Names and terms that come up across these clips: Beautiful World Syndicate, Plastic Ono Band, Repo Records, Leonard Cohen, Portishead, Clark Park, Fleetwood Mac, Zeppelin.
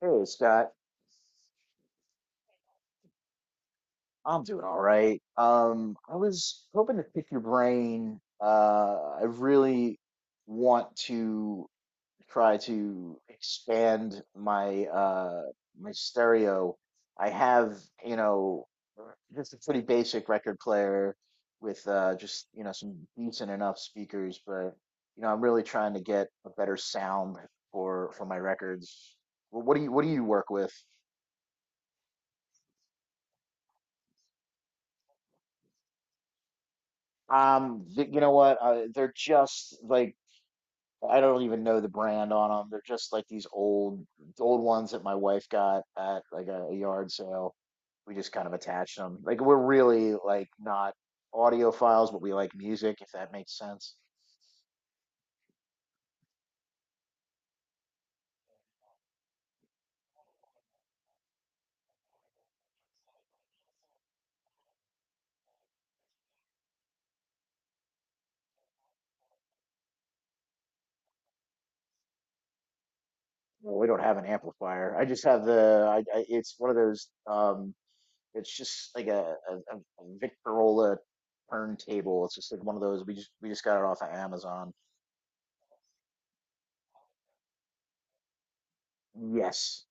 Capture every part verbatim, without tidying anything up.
Hey, Scott. I'm doing all right. Um, I was hoping to pick your brain. Uh, I really want to try to expand my uh my stereo. I have, you know, just a pretty basic record player with uh just, you know, some decent enough speakers, but you know, I'm really trying to get a better sound for for my records. Wh- What do you what do you work with? Um, th- you know what? Uh, they're just like I don't even know the brand on them. They're just like these old old ones that my wife got at like a, a yard sale. We just kind of attached them. Like we're really like not audiophiles, but we like music, if that makes sense. Well, we don't have an amplifier. I just have the. I, I, it's one of those. Um, it's just like a, a, a a Victorola turntable. It's just like one of those. We just we just got it off of Amazon. Yes.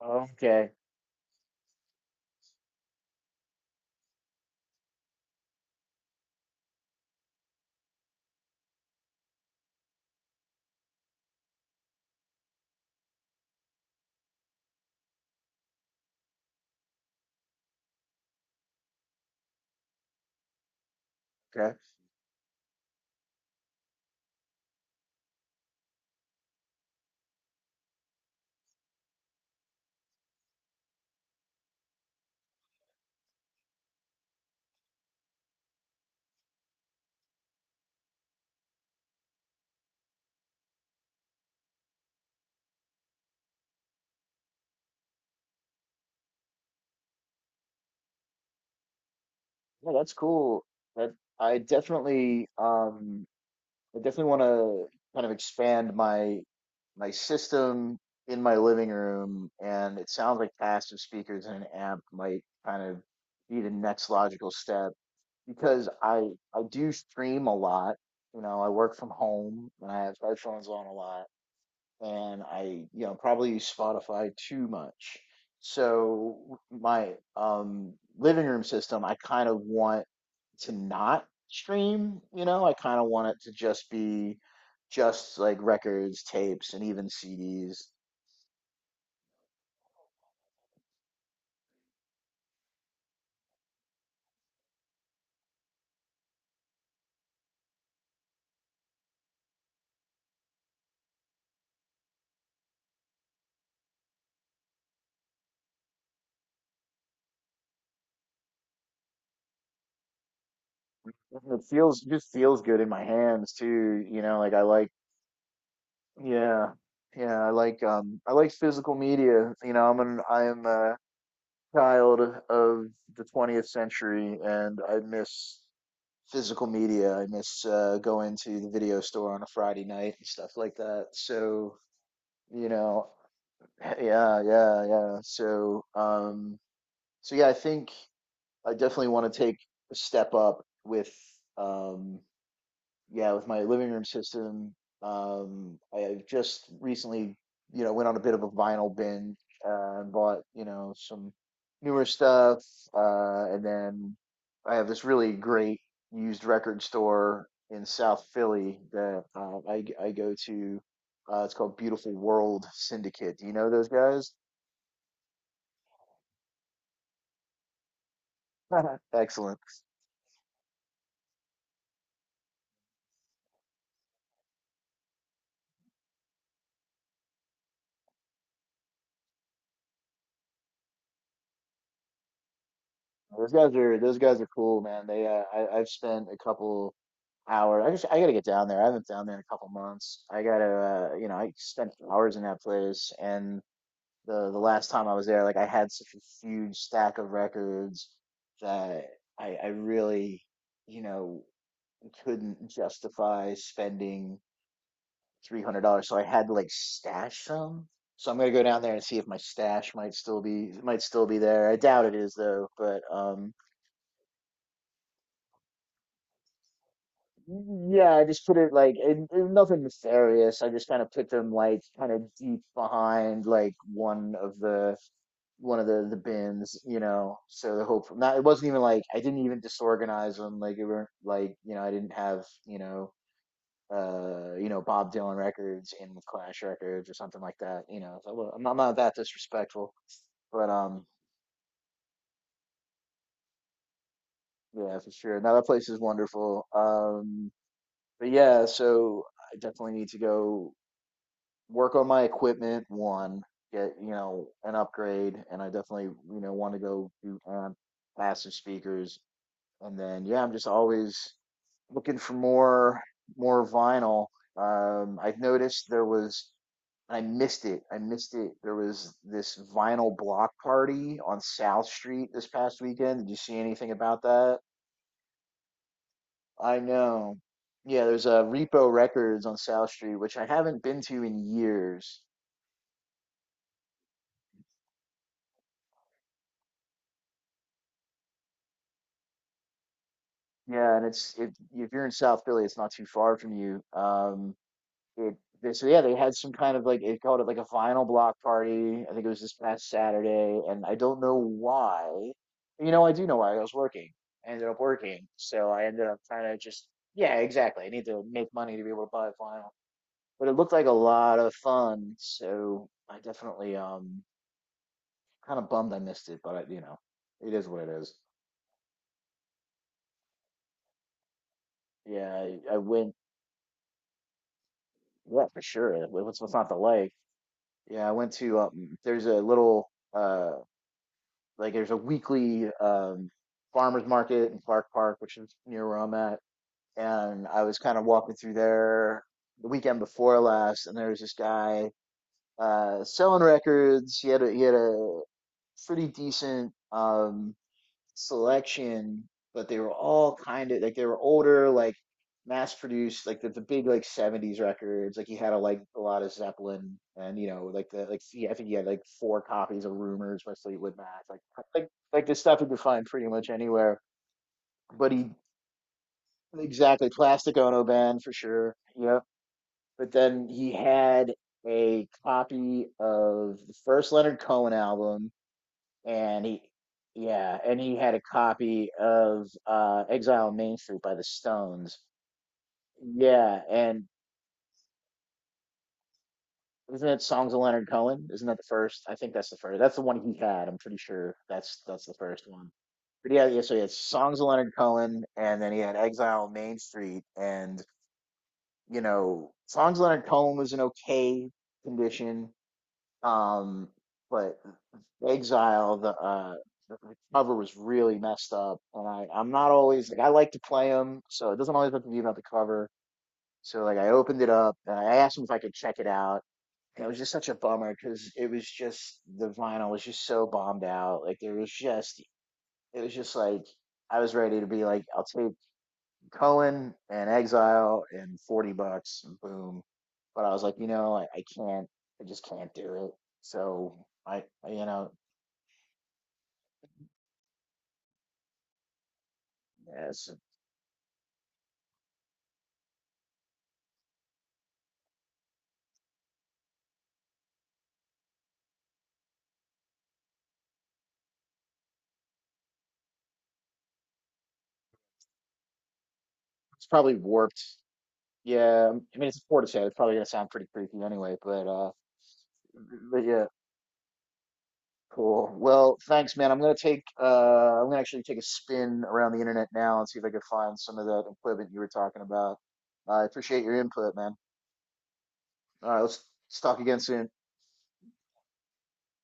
Okay. Okay. No, that's cool. That I definitely um I definitely want to kind of expand my my system in my living room, and it sounds like passive speakers and an amp might kind of be the next logical step because I I do stream a lot. You know, I work from home and I have headphones on a lot. And I, you know, probably use Spotify too much. So my um, living room system, I kind of want to not stream, you know, I kind of want it to just be just like records, tapes, and even C Ds. And It feels just feels good in my hands too, you know, like I like. Yeah. Yeah, I like um I like physical media. You know, I'm an I am a child of the twentieth century and I miss physical media. I miss uh, going to the video store on a Friday night and stuff like that. So, you know, yeah, yeah, yeah. So, um, so yeah, I think I definitely want to take a step up with um, yeah, with my living room system. um, I just recently, you know, went on a bit of a vinyl binge uh, and bought, you know, some newer stuff. Uh, and then I have this really great used record store in South Philly that uh, I g- I go to. Uh, it's called Beautiful World Syndicate. Do you know those guys? Excellent. Those guys are those guys are cool, man. They uh, I, I've spent a couple hours. I just, I gotta get down there. I haven't down there in a couple months. I gotta, uh, you know, I spent hours in that place, and the the last time I was there, like I had such a huge stack of records that I I really, you know, couldn't justify spending three hundred dollars, so I had to like stash some. So I'm gonna go down there and see if my stash might still be might still be there. I doubt it is though, but um, yeah, I just put it like it, it- nothing nefarious. I just kind of put them like kind of deep behind like one of the one of the the bins, you know. So the hope not it wasn't even like I didn't even disorganize them. Like it weren't like you know I didn't have you know uh you know Bob Dylan records in with Clash records or something like that. You know, so I wa- I'm not, I'm not that disrespectful, but um yeah, for sure. Now that place is wonderful. Um, but yeah, so I definitely need to go work on my equipment, one, get, you know, an upgrade, and I definitely, you know, want to go do amp, passive speakers. And then, yeah, I'm just always looking for more more vinyl. Um, I've noticed there was, I missed it. I missed it. There was this vinyl block party on South Street this past weekend. Did you see anything about that? I know. Yeah, there's a Repo Records on South Street, which I haven't been to in years. Yeah, and it's it if you're in South Philly, it's not too far from you. Um, it They, so yeah, they had some kind of like they called it like a vinyl block party. I think it was this past Saturday, and I don't know why. You know, I do know why. I was working. I ended up working, so I ended up trying to just. Yeah, exactly. I need to make money to be able to buy vinyl, but it looked like a lot of fun. So I definitely um kind of bummed I missed it, but I, you know, it is what it is. Yeah, I, I went. Yeah, for sure. What's what's not to like? Yeah, I went to um, there's a little uh like there's a weekly um farmers market in Clark Park, which is near where I'm at, and I was kind of walking through there the weekend before last, and there was this guy uh selling records. He had a he had a pretty decent um selection, but they were all kind of like they were older, like mass produced, like the, the big like seventies records. Like you had a like a lot of Zeppelin, and you know, like the like yeah, I think you had like four copies of Rumors by Fleetwood Mac, like like like the stuff you could find pretty much anywhere. But he exactly Plastic Ono Band for sure. Yeah, but then he had a copy of the first Leonard Cohen album, and he yeah, and he had a copy of uh Exile on Main Street by the Stones, yeah. And isn't it Songs of Leonard Cohen? Isn't that the first? I think that's the first. That's the one he had. I'm pretty sure that's that's the first one. But yeah, yeah, so he had Songs of Leonard Cohen, and then he had Exile on Main Street, and you know, Songs of Leonard Cohen was in okay condition. Um, but Exile, the uh, the the cover was really messed up, and I I'm not always like I like to play them, so it doesn't always have to be about the cover. So like I opened it up and I asked him if I could check it out, and it was just such a bummer because it was just the vinyl was just so bombed out. Like it was just it was just like I was ready to be like I'll take Cohen and Exile and forty bucks and boom. But I was like, you know, I, I can't, I just can't do it. So I, I- you know, yeah, it's, it's probably warped. Yeah. I mean, it's a Portishead. It's probably going to sound pretty creepy anyway, but, uh, but yeah, cool. Well, thanks, man. I'm going to take, uh, I'm going to actually take a spin around the internet now and see if I can find some of that equipment you were talking about. I appreciate your input, man. All right. Let's let's talk again soon.